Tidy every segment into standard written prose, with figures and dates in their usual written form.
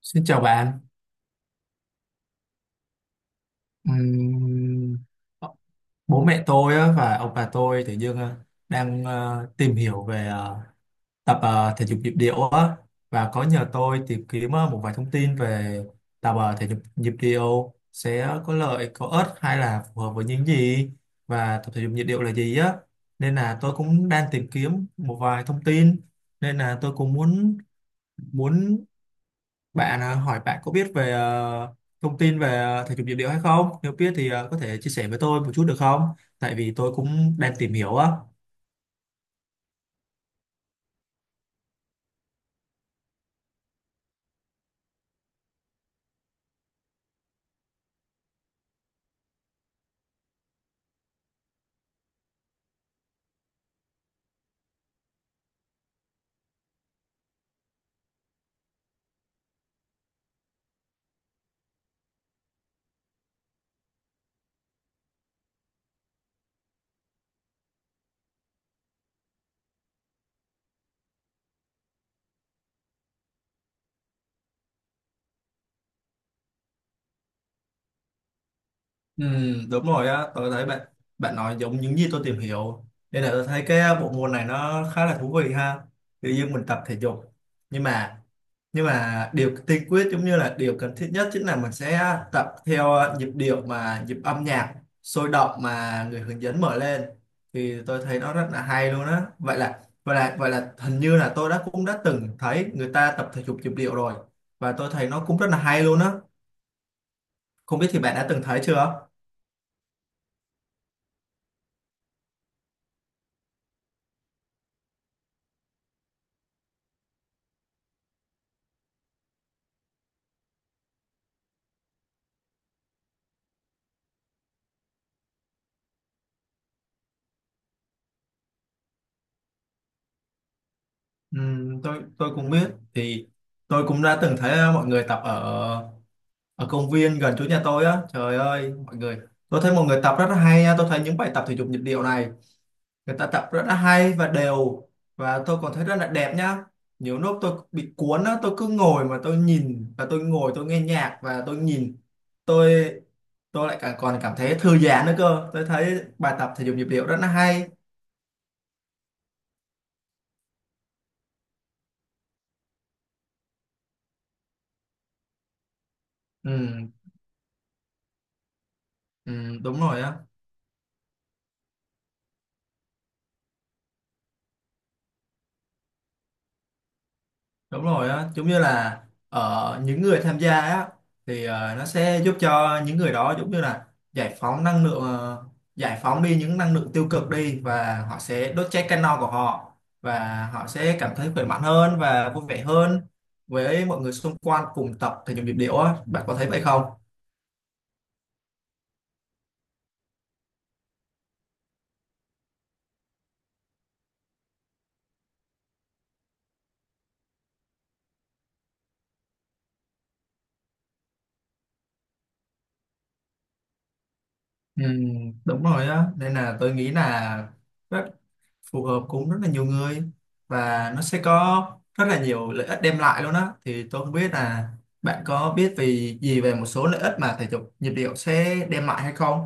Xin chào bạn. Ừm, ờ, Bố mẹ tôi á, và ông bà tôi tự dưng đang tìm hiểu về tập thể dục nhịp điệu á, và có nhờ tôi tìm kiếm một vài thông tin về tập thể dục nhịp điệu sẽ có lợi, có ích hay là phù hợp với những gì, và tập thể dục nhịp điệu là gì á. Nên là tôi cũng đang tìm kiếm một vài thông tin, nên là tôi cũng muốn muốn hỏi bạn có biết về thông tin về thể dục nhịp điệu hay không? Nếu biết thì có thể chia sẻ với tôi một chút được không? Tại vì tôi cũng đang tìm hiểu á. Ừ, đúng rồi á, tôi thấy bạn bạn nói giống những gì tôi tìm hiểu, nên là tôi thấy cái bộ môn này nó khá là thú vị ha. Tự nhiên mình tập thể dục, nhưng mà điều tiên quyết giống như là điều cần thiết nhất chính là mình sẽ tập theo nhịp điệu mà nhịp âm nhạc sôi động mà người hướng dẫn mở lên, thì tôi thấy nó rất là hay luôn á. Vậy là hình như là tôi đã cũng đã từng thấy người ta tập thể dục nhịp điệu rồi, và tôi thấy nó cũng rất là hay luôn á. Không biết thì bạn đã từng thấy chưa? Ừ, tôi cũng biết thì tôi cũng đã từng thấy mọi người tập ở ở công viên gần chỗ nhà tôi á. Trời ơi mọi người, tôi thấy mọi người tập rất là hay nha, tôi thấy những bài tập thể dục nhịp điệu này người ta tập rất là hay và đều, và tôi còn thấy rất là đẹp nhá. Nhiều lúc tôi bị cuốn á, tôi cứ ngồi mà tôi nhìn, và tôi ngồi tôi nghe nhạc và tôi nhìn, tôi tôi lại cả, còn cảm thấy thư giãn nữa cơ, tôi thấy bài tập thể dục nhịp điệu rất là hay. Ừ, ừ, đúng rồi á. Đúng rồi á, giống như là ở những người tham gia á thì nó sẽ giúp cho những người đó giống như là giải phóng năng lượng, giải phóng đi những năng lượng tiêu cực đi, và họ sẽ đốt cháy cano của họ, và họ sẽ cảm thấy khỏe mạnh hơn và vui vẻ hơn với mọi người xung quanh cùng tập thể dục nhịp điệu á, bạn có thấy vậy không? Ừ, đúng rồi á, nên là tôi nghĩ là phù hợp cũng rất là nhiều người, và nó sẽ có rất là nhiều lợi ích đem lại luôn á, thì tôi không biết là bạn có biết về gì về một số lợi ích mà thể dục nhịp điệu sẽ đem lại hay không?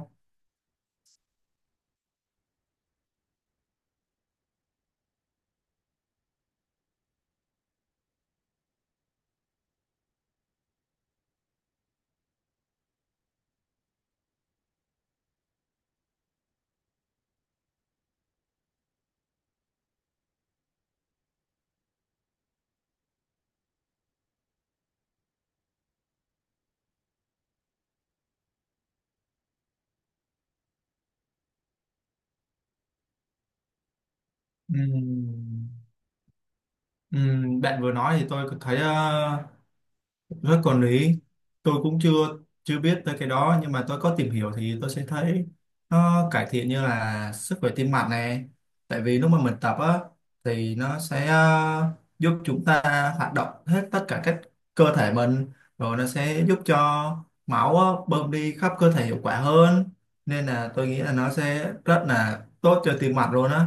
Ừm, Bạn vừa nói thì tôi có thấy. Đó, còn lý, tôi cũng chưa chưa biết tới cái đó, nhưng mà tôi có tìm hiểu thì tôi sẽ thấy nó cải thiện như là sức khỏe tim mạch này. Tại vì lúc mà mình tập á, thì nó sẽ giúp chúng ta hoạt động hết tất cả các cơ thể mình, rồi nó sẽ giúp cho máu á, bơm đi khắp cơ thể hiệu quả hơn, nên là tôi nghĩ là nó sẽ rất là tốt cho tim mạch luôn á.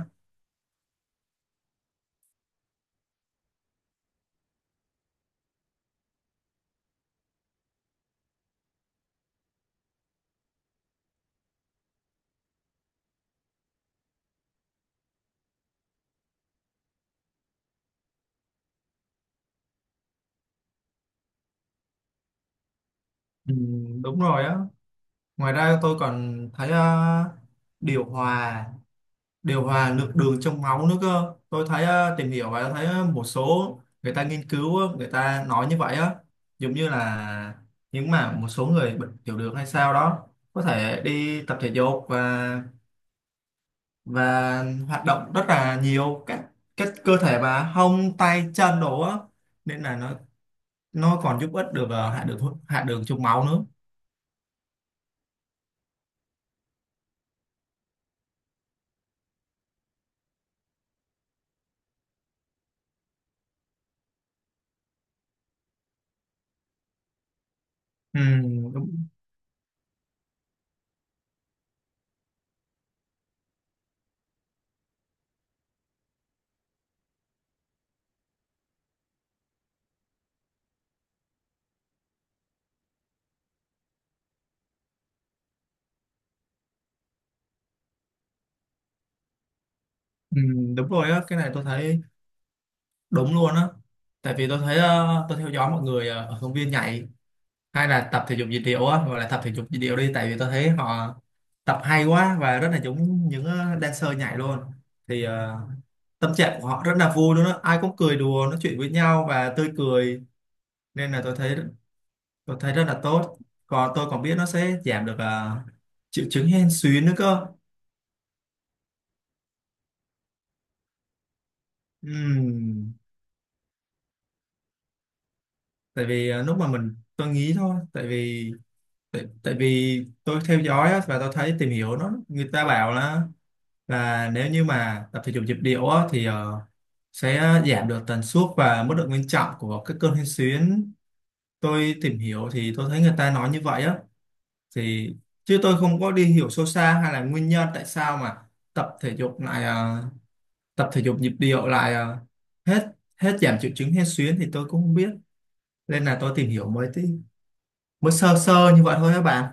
Ừ, đúng rồi á. Ngoài ra tôi còn thấy điều hòa điều hòa lượng đường trong máu nữa cơ, tôi thấy tìm hiểu và thấy một số người ta nghiên cứu, người ta nói như vậy á. Giống như là những mà một số người bệnh tiểu đường hay sao đó có thể đi tập thể dục, và hoạt động rất là nhiều các cơ thể mà hông tay chân đồ á, nên là nó còn giúp ích được hạ đường trong máu nữa. Ừ, đúng. Ừ, đúng rồi á, cái này tôi thấy đúng luôn á. Tại vì tôi thấy tôi theo dõi mọi người ở công viên nhảy hay là tập thể dục dị điệu á, gọi là tập thể dục dị điệu đi, tại vì tôi thấy họ tập hay quá và rất là giống những dancer nhảy luôn. Thì tâm trạng của họ rất là vui luôn á, ai cũng cười đùa nói chuyện với nhau và tươi cười, nên là tôi thấy rất là tốt. Còn tôi còn biết nó sẽ giảm được triệu chứng hen suyễn nữa cơ. Ừm. Tại vì lúc mà mình, tôi nghĩ thôi, tại vì tại vì tôi theo dõi á, và tôi thấy tìm hiểu nó, người ta bảo là và nếu như mà tập thể dục nhịp điệu á, thì sẽ giảm được tần suất và mức độ nghiêm trọng của các cơn hen suyễn. Tôi tìm hiểu thì tôi thấy người ta nói như vậy á. Thì chứ tôi không có đi hiểu sâu xa hay là nguyên nhân tại sao mà tập thể dục lại tập thể dục nhịp điệu lại hết hết giảm triệu chứng hen suyễn thì tôi cũng không biết. Nên là tôi tìm hiểu mới tí, mới sơ sơ như vậy thôi các bạn.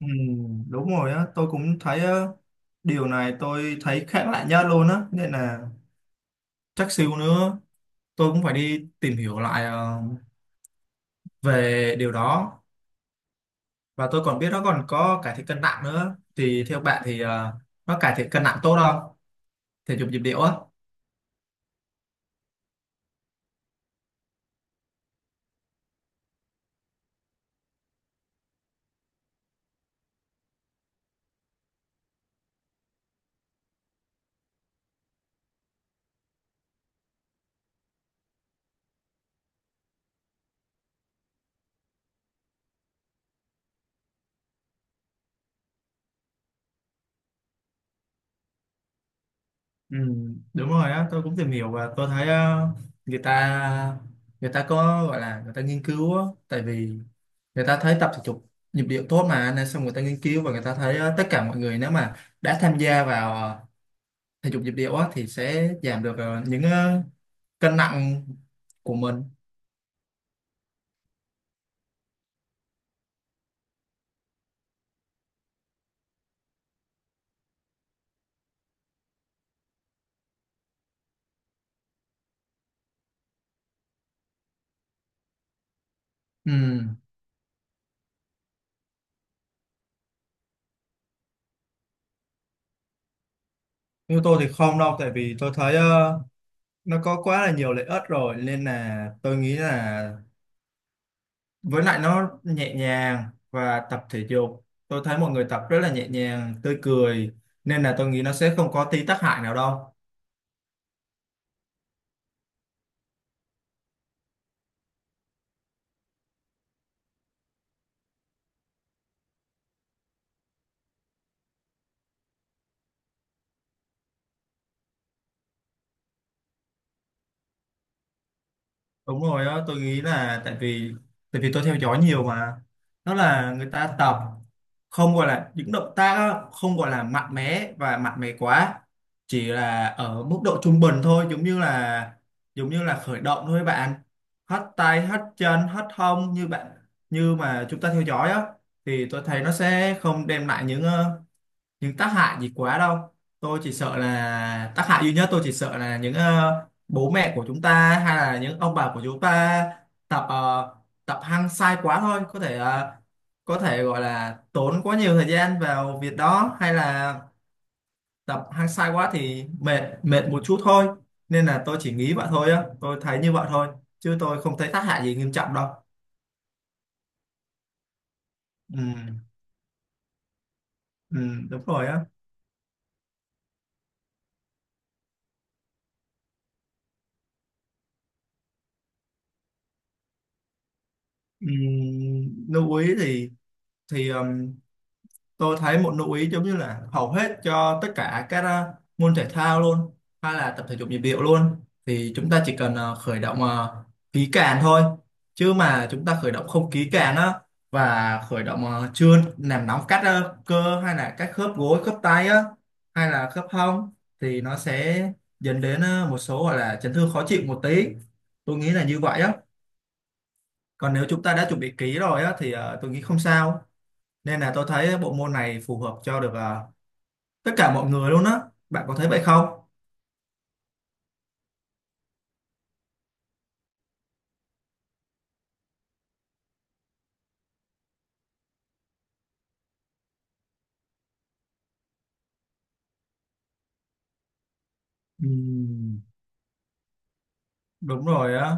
Ừ, đúng rồi á, tôi cũng thấy điều này tôi thấy khác lạ nhất luôn á, nên là chắc xíu nữa tôi cũng phải đi tìm hiểu lại về điều đó. Và tôi còn biết nó còn có cải thiện cân nặng nữa, thì theo bạn thì nó cải thiện cân nặng tốt không, thể dục nhịp điệu á? Ừ, đúng rồi á, tôi cũng tìm hiểu và tôi thấy người ta người ta có gọi là người ta nghiên cứu á, tại vì người ta thấy tập thể dục nhịp điệu tốt mà, nên xong người ta nghiên cứu và người ta thấy tất cả mọi người nếu mà đã tham gia vào thể dục nhịp điệu á thì sẽ giảm được những cân nặng của mình. Ừ. Như tôi thì không đâu, tại vì tôi thấy nó có quá là nhiều lợi ích rồi, nên là tôi nghĩ là với lại nó nhẹ nhàng và tập thể dục. Tôi thấy mọi người tập rất là nhẹ nhàng, tươi cười, nên là tôi nghĩ nó sẽ không có tí tác hại nào đâu. Đúng rồi đó, tôi nghĩ là tại vì tôi theo dõi nhiều mà, nó là người ta tập không gọi là những động tác á, không gọi là mạnh mẽ và mạnh mẽ quá, chỉ là ở mức độ trung bình thôi, giống như là khởi động thôi bạn, hất tay hất chân hất hông như bạn như mà chúng ta theo dõi á, thì tôi thấy nó sẽ không đem lại những tác hại gì quá đâu. Tôi chỉ sợ là tác hại duy nhất, tôi chỉ sợ là những bố mẹ của chúng ta hay là những ông bà của chúng ta tập tập hăng sai quá thôi, có thể có thể gọi là tốn quá nhiều thời gian vào việc đó, hay là tập hăng sai quá thì mệt mệt một chút thôi. Nên là tôi chỉ nghĩ vậy thôi á, tôi thấy như vậy thôi, chứ tôi không thấy tác hại gì nghiêm trọng đâu. Ừ, ừ, đúng rồi á. Ừ, lưu ý thì thì ừm, tôi thấy một lưu ý giống như là hầu hết cho tất cả các môn thể thao luôn, hay là tập thể dục nhịp điệu luôn, thì chúng ta chỉ cần khởi động kỹ càng thôi. Chứ mà chúng ta khởi động không kỹ càng á, và khởi động chưa làm nóng các cơ hay là các khớp gối khớp tay á, hay là khớp hông, thì nó sẽ dẫn đến một số gọi là chấn thương khó chịu một tí, tôi nghĩ là như vậy á. Còn nếu chúng ta đã chuẩn bị kỹ rồi á thì tôi nghĩ không sao. Nên là tôi thấy bộ môn này phù hợp cho được à, tất cả mọi người luôn á, bạn có thấy vậy không? Ừm, đúng rồi á,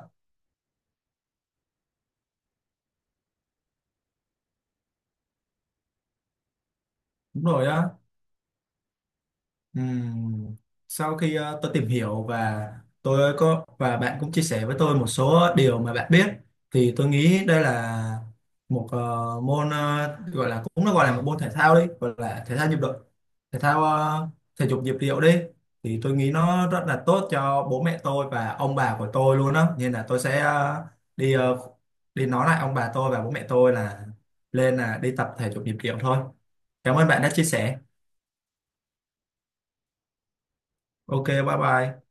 đúng rồi á. Ừm, Sau khi tôi tìm hiểu, và tôi có và bạn cũng chia sẻ với tôi một số điều mà bạn biết, thì tôi nghĩ đây là một môn gọi là, cũng nó gọi là một môn thể thao đi, gọi là thể thao nhịp độ, thể thao thể dục nhịp điệu đi, thì tôi nghĩ nó rất là tốt cho bố mẹ tôi và ông bà của tôi luôn đó, nên là tôi sẽ đi đi nói lại ông bà tôi và bố mẹ tôi là lên là đi tập thể dục nhịp điệu thôi. Cảm ơn bạn đã chia sẻ. OK bye bye.